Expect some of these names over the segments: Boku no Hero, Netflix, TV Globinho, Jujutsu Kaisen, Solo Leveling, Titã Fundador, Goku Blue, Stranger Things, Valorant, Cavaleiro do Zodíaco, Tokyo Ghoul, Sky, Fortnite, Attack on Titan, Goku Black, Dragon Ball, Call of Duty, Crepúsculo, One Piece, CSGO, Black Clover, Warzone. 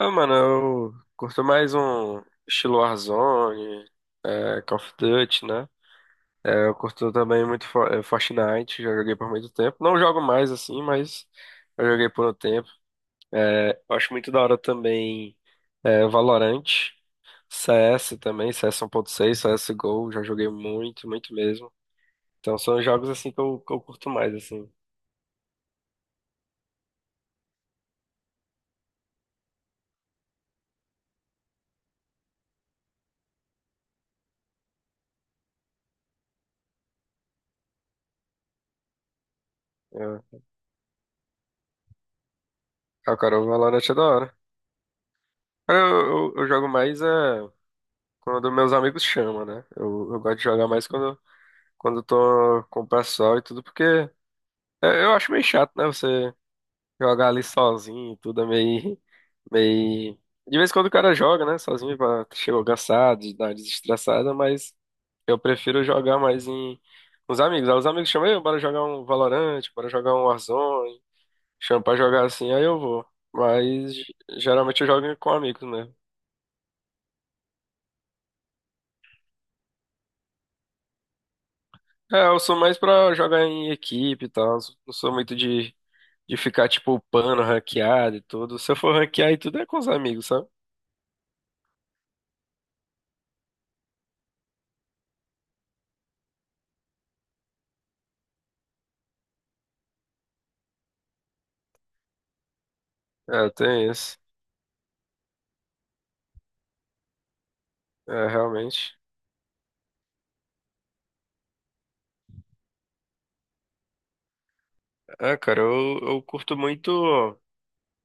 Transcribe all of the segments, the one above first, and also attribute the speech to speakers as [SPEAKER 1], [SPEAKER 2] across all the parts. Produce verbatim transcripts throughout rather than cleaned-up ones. [SPEAKER 1] Ah, mano, eu curto mais um estilo Warzone, é, Call of Duty, né? É, eu curto também muito Fo- é, Fortnite, já joguei por muito tempo. Não jogo mais assim, mas eu joguei por um tempo. É, eu acho muito da hora também é, Valorant, C S também, C S um ponto seis, C S G O, já joguei muito, muito mesmo. Então são os jogos assim que eu, que eu curto mais, assim. É. Ah, cara, o Valorant é da hora. Cara, Eu, eu, eu jogo mais. É... Quando meus amigos chamam, né? Eu, eu gosto de jogar mais quando, quando eu tô com o pessoal e tudo, porque é, eu acho meio chato, né? Você jogar ali sozinho e tudo é meio, meio... De vez em quando o cara joga, né? Sozinho, pra- chegou cansado, de dar uma desestressada, mas eu prefiro jogar mais em... com os amigos. Aí os amigos chamam, "Ei, bora jogar um Valorant, bora jogar um Warzone, chamam pra jogar assim, aí eu vou." Mas geralmente eu jogo com amigos, né? É, eu sou mais pra jogar em equipe e tal. Não sou muito de, de ficar, tipo, upando, ranqueado e tudo. Se eu for ranquear e tudo é com os amigos, sabe? É, tem isso. É, realmente. É, cara, eu, eu curto muito.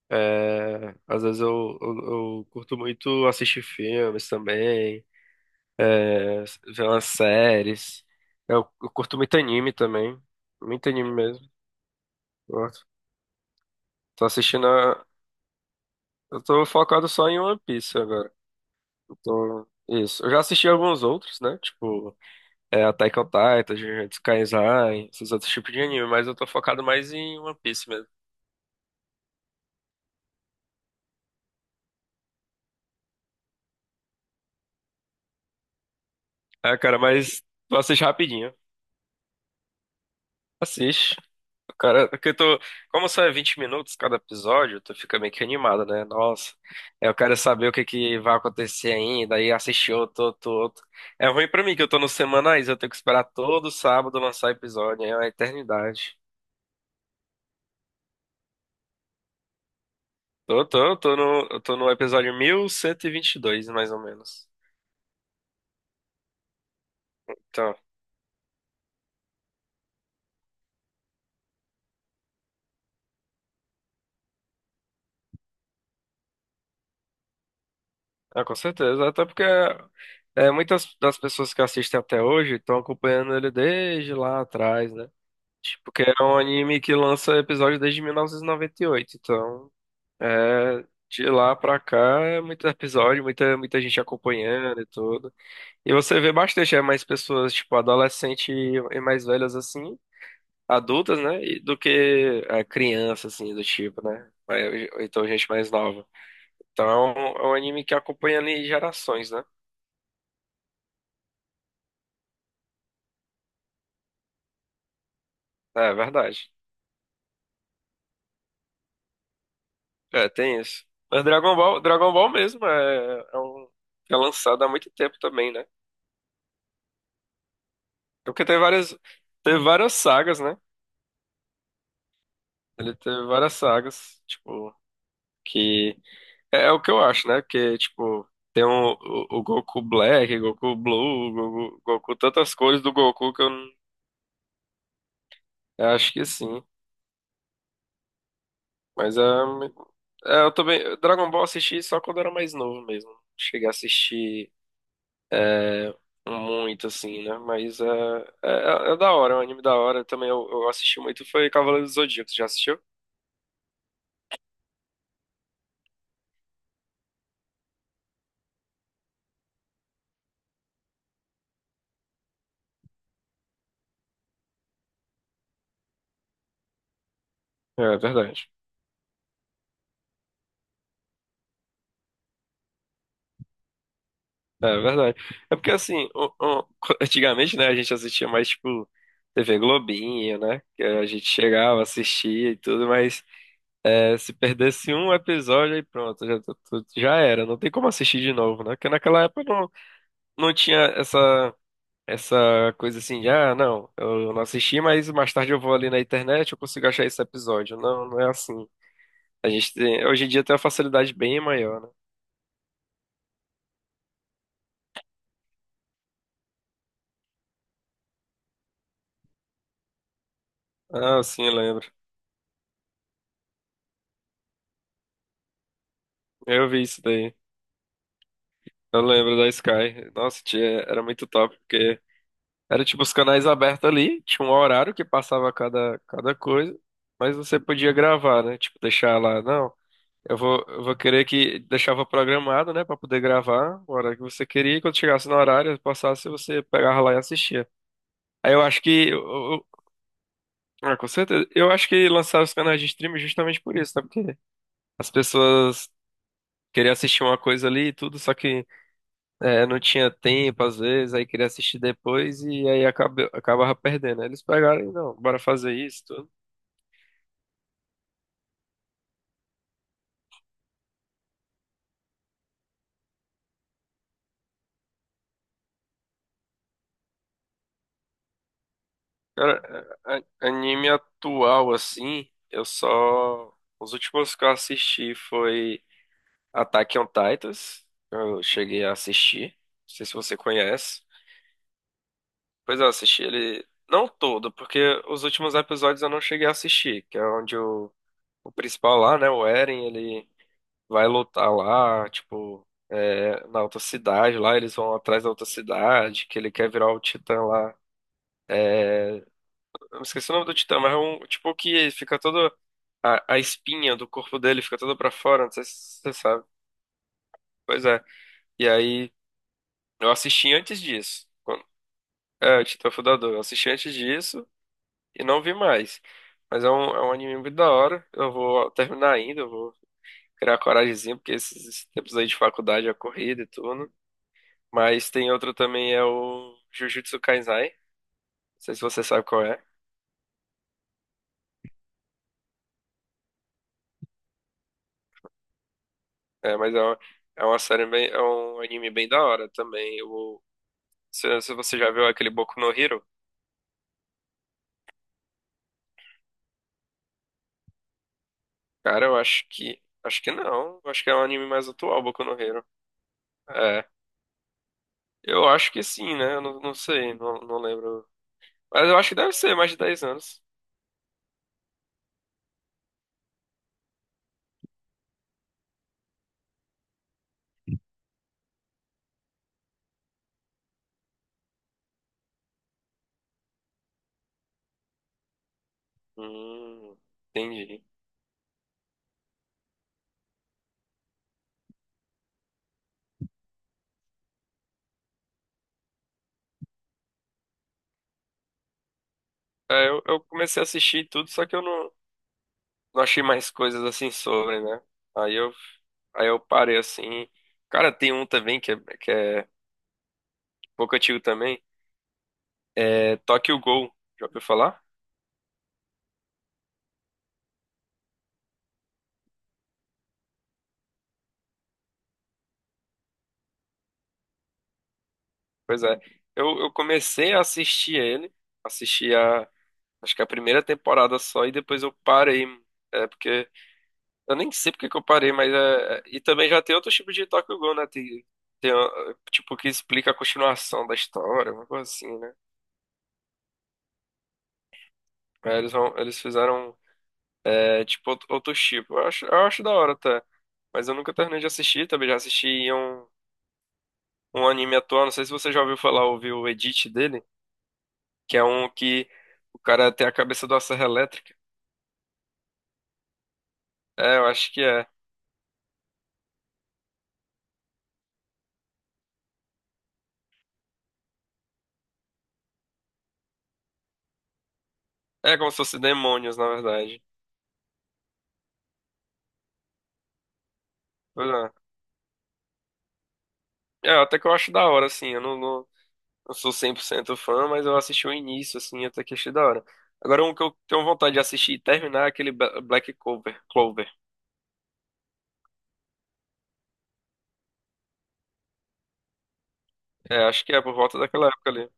[SPEAKER 1] É, às vezes eu, eu, eu curto muito assistir filmes também, é, ver umas séries. Eu, eu curto muito anime também. Muito anime mesmo. Gosto. Tô assistindo a... Eu tô focado só em One Piece agora. Então, isso. Eu já assisti alguns outros, né? Tipo, é, Attack on Titan, Jujutsu Kaisen, esses outros tipos de anime, mas eu tô focado mais em One Piece mesmo. Ah, cara, mas tu assiste rapidinho. Assiste. Cara, porque tu, como só é vinte minutos cada episódio, tu fica meio que animado, né? Nossa, é, eu quero saber o que que vai acontecer ainda, aí assistir outro, outro, outro. É ruim pra mim que eu tô nos semanais, eu tenho que esperar todo sábado lançar episódio, é uma eternidade. Tô, tô, tô no, eu tô no episódio mil cento e e vinte e dois mais ou menos. Então, ah, com certeza. Até porque é, muitas das pessoas que assistem até hoje estão acompanhando ele desde lá atrás, né? Tipo, que é um anime que lança episódio desde mil novecentos e e noventa e oito. Então, é, de lá pra cá é muito episódio, muita, muita gente acompanhando e tudo. E você vê bastante, é mais pessoas, tipo, adolescente e e mais velhas assim. Adultas, né? e Do que a criança, assim, do tipo, né? Mas- ou Então, gente mais nova. Então, é um, é um anime que acompanha ali gerações, né? É é verdade. É, tem isso. Mas Dragon Ball, Dragon Ball mesmo é, é um é lançado há muito tempo também, né? Porque tem várias, teve várias sagas, né? Ele teve várias sagas, tipo, que é, é o que eu acho, né? Porque, tipo, tem um, o, o Goku Black, Goku Blue, o Goku, Goku, tantas cores do Goku que eu não- eu acho que sim. Mas ah, é, eu também. Dragon Ball eu assisti só quando eu era mais novo mesmo. Cheguei a assistir muito, assim, né? Mas é, é, é é da hora, é um anime da hora. Também eu, eu assisti muito, foi Cavaleiro do Zodíaco. Já assistiu? É verdade. É verdade. É porque assim, o- o- antigamente, né, a gente assistia mais tipo T V Globinho, né? Que a gente chegava, assistia e tudo, mas é, se perdesse um episódio aí pronto, já, tu- tu- já era. Não tem como assistir de novo, né? Porque naquela época não, não tinha essa essa coisa assim de, ah, não, eu não assisti, mas mais tarde eu vou ali na internet, eu consigo achar esse episódio. Não, não é assim. A gente tem, hoje em dia tem uma facilidade bem maior, né? Ah, sim, eu lembro. Eu vi isso daí. Eu lembro da Sky. Nossa, tia, era muito top, porque era tipo os canais abertos ali, tinha um horário que passava cada, cada coisa, mas você podia gravar, né? Tipo, deixar lá, não. Eu vou, eu vou querer que deixava programado, né, pra poder gravar a hora que você queria, e quando chegasse no horário, passasse, você pegava lá e assistia. Aí eu acho que. Eu, eu- ah, com certeza. Eu acho que lançaram os canais de streaming é justamente por isso, tá? Porque as pessoas queriam assistir uma coisa ali e tudo, só que é, não tinha tempo, às vezes, aí queria assistir depois e aí acaba, acabava perdendo. Aí eles pegaram e não, bora fazer isso, tudo. Cara, a- a- anime atual, assim, eu só. Os últimos que eu assisti foi Attack on Titans. Eu cheguei a assistir. Não sei se você conhece. Pois é, eu assisti ele. Não todo, porque os últimos episódios eu não cheguei a assistir, que é onde o, o principal lá, né, o Eren, ele vai lutar lá, tipo, é, na outra cidade lá, eles vão atrás da outra cidade, que ele quer virar o Titã lá. Eu me esqueci o nome do Titã, mas é um tipo que fica todo. A, a espinha do corpo dele fica toda pra fora, não sei se você sabe. Pois é. E aí, eu assisti antes disso. Quando- É, o Titã Fundador. Eu assisti antes disso e não vi mais. Mas é um, é um anime muito da hora. Eu vou terminar ainda, eu vou criar coragemzinha, porque esses, esses tempos aí de faculdade é corrida e tudo. Mas tem outro também, é o Jujutsu Kaisai. Não sei se você sabe qual é. É, mas é uma, é uma série bem, é um anime bem da hora também. Eu, se, se você já viu aquele Boku no Hero, cara, eu acho que. Acho que não. Eu acho que é um anime mais atual, Boku no Hero. É. Eu acho que sim, né? Eu não, não sei, não, não lembro. Mas eu acho que deve ser mais de dez anos. Hum, entendi. É, eu, eu comecei a assistir tudo, só que eu não, não achei mais coisas assim sobre, né? Aí eu, aí eu parei assim. Cara, tem um também que é, que é um pouco antigo também. É Tokyo Ghoul. Já ouviu falar? Pois é. Eu, eu comecei a assistir ele. Assisti a, acho que a primeira temporada só e depois eu parei. É porque eu nem sei porque que eu parei, mas é. é, E também já tem outro tipo de Tokyo Ghoul, né? Tem, tem, uh, tipo, que explica a continuação da história, uma coisa assim, né? Aí eles vão, eles fizeram, é, tipo, outro, outro tipo. Eu acho, eu acho da hora até. Mas eu nunca terminei de assistir, também já assisti um, um anime atual, não sei se você já ouviu falar, ouviu o edit dele, que é um que o cara tem a cabeça de uma serra elétrica. É, eu acho que é. É como se fosse demônios, na verdade. Pois é. É, até que eu acho da hora, assim, eu não, não- não sou cem por cento fã, mas eu assisti o início, assim, até que achei da hora. Agora, um que eu tenho vontade de assistir e terminar é aquele Ba- Black Clover. Clover. É, acho que é por volta daquela época ali.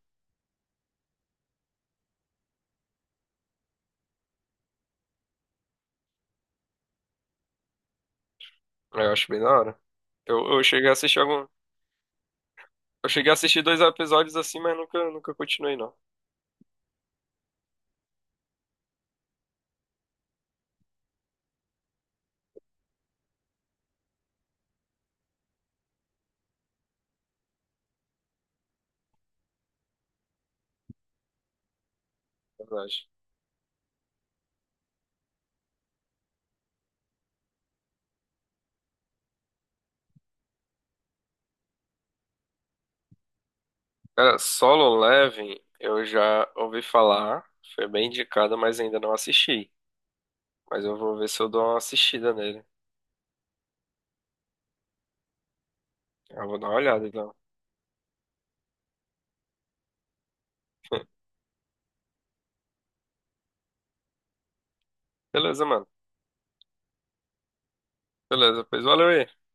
[SPEAKER 1] É, eu acho bem da hora. Eu, eu cheguei a assistir algum... Eu cheguei a assistir dois episódios assim, mas nunca, nunca continuei, não. Na verdade. Cara, Solo Leveling, eu já ouvi falar. Foi bem indicado, mas ainda não assisti. Mas eu vou ver se eu dou uma assistida nele. Eu vou dar uma olhada, então. Beleza, mano. Beleza, pois valeu aí.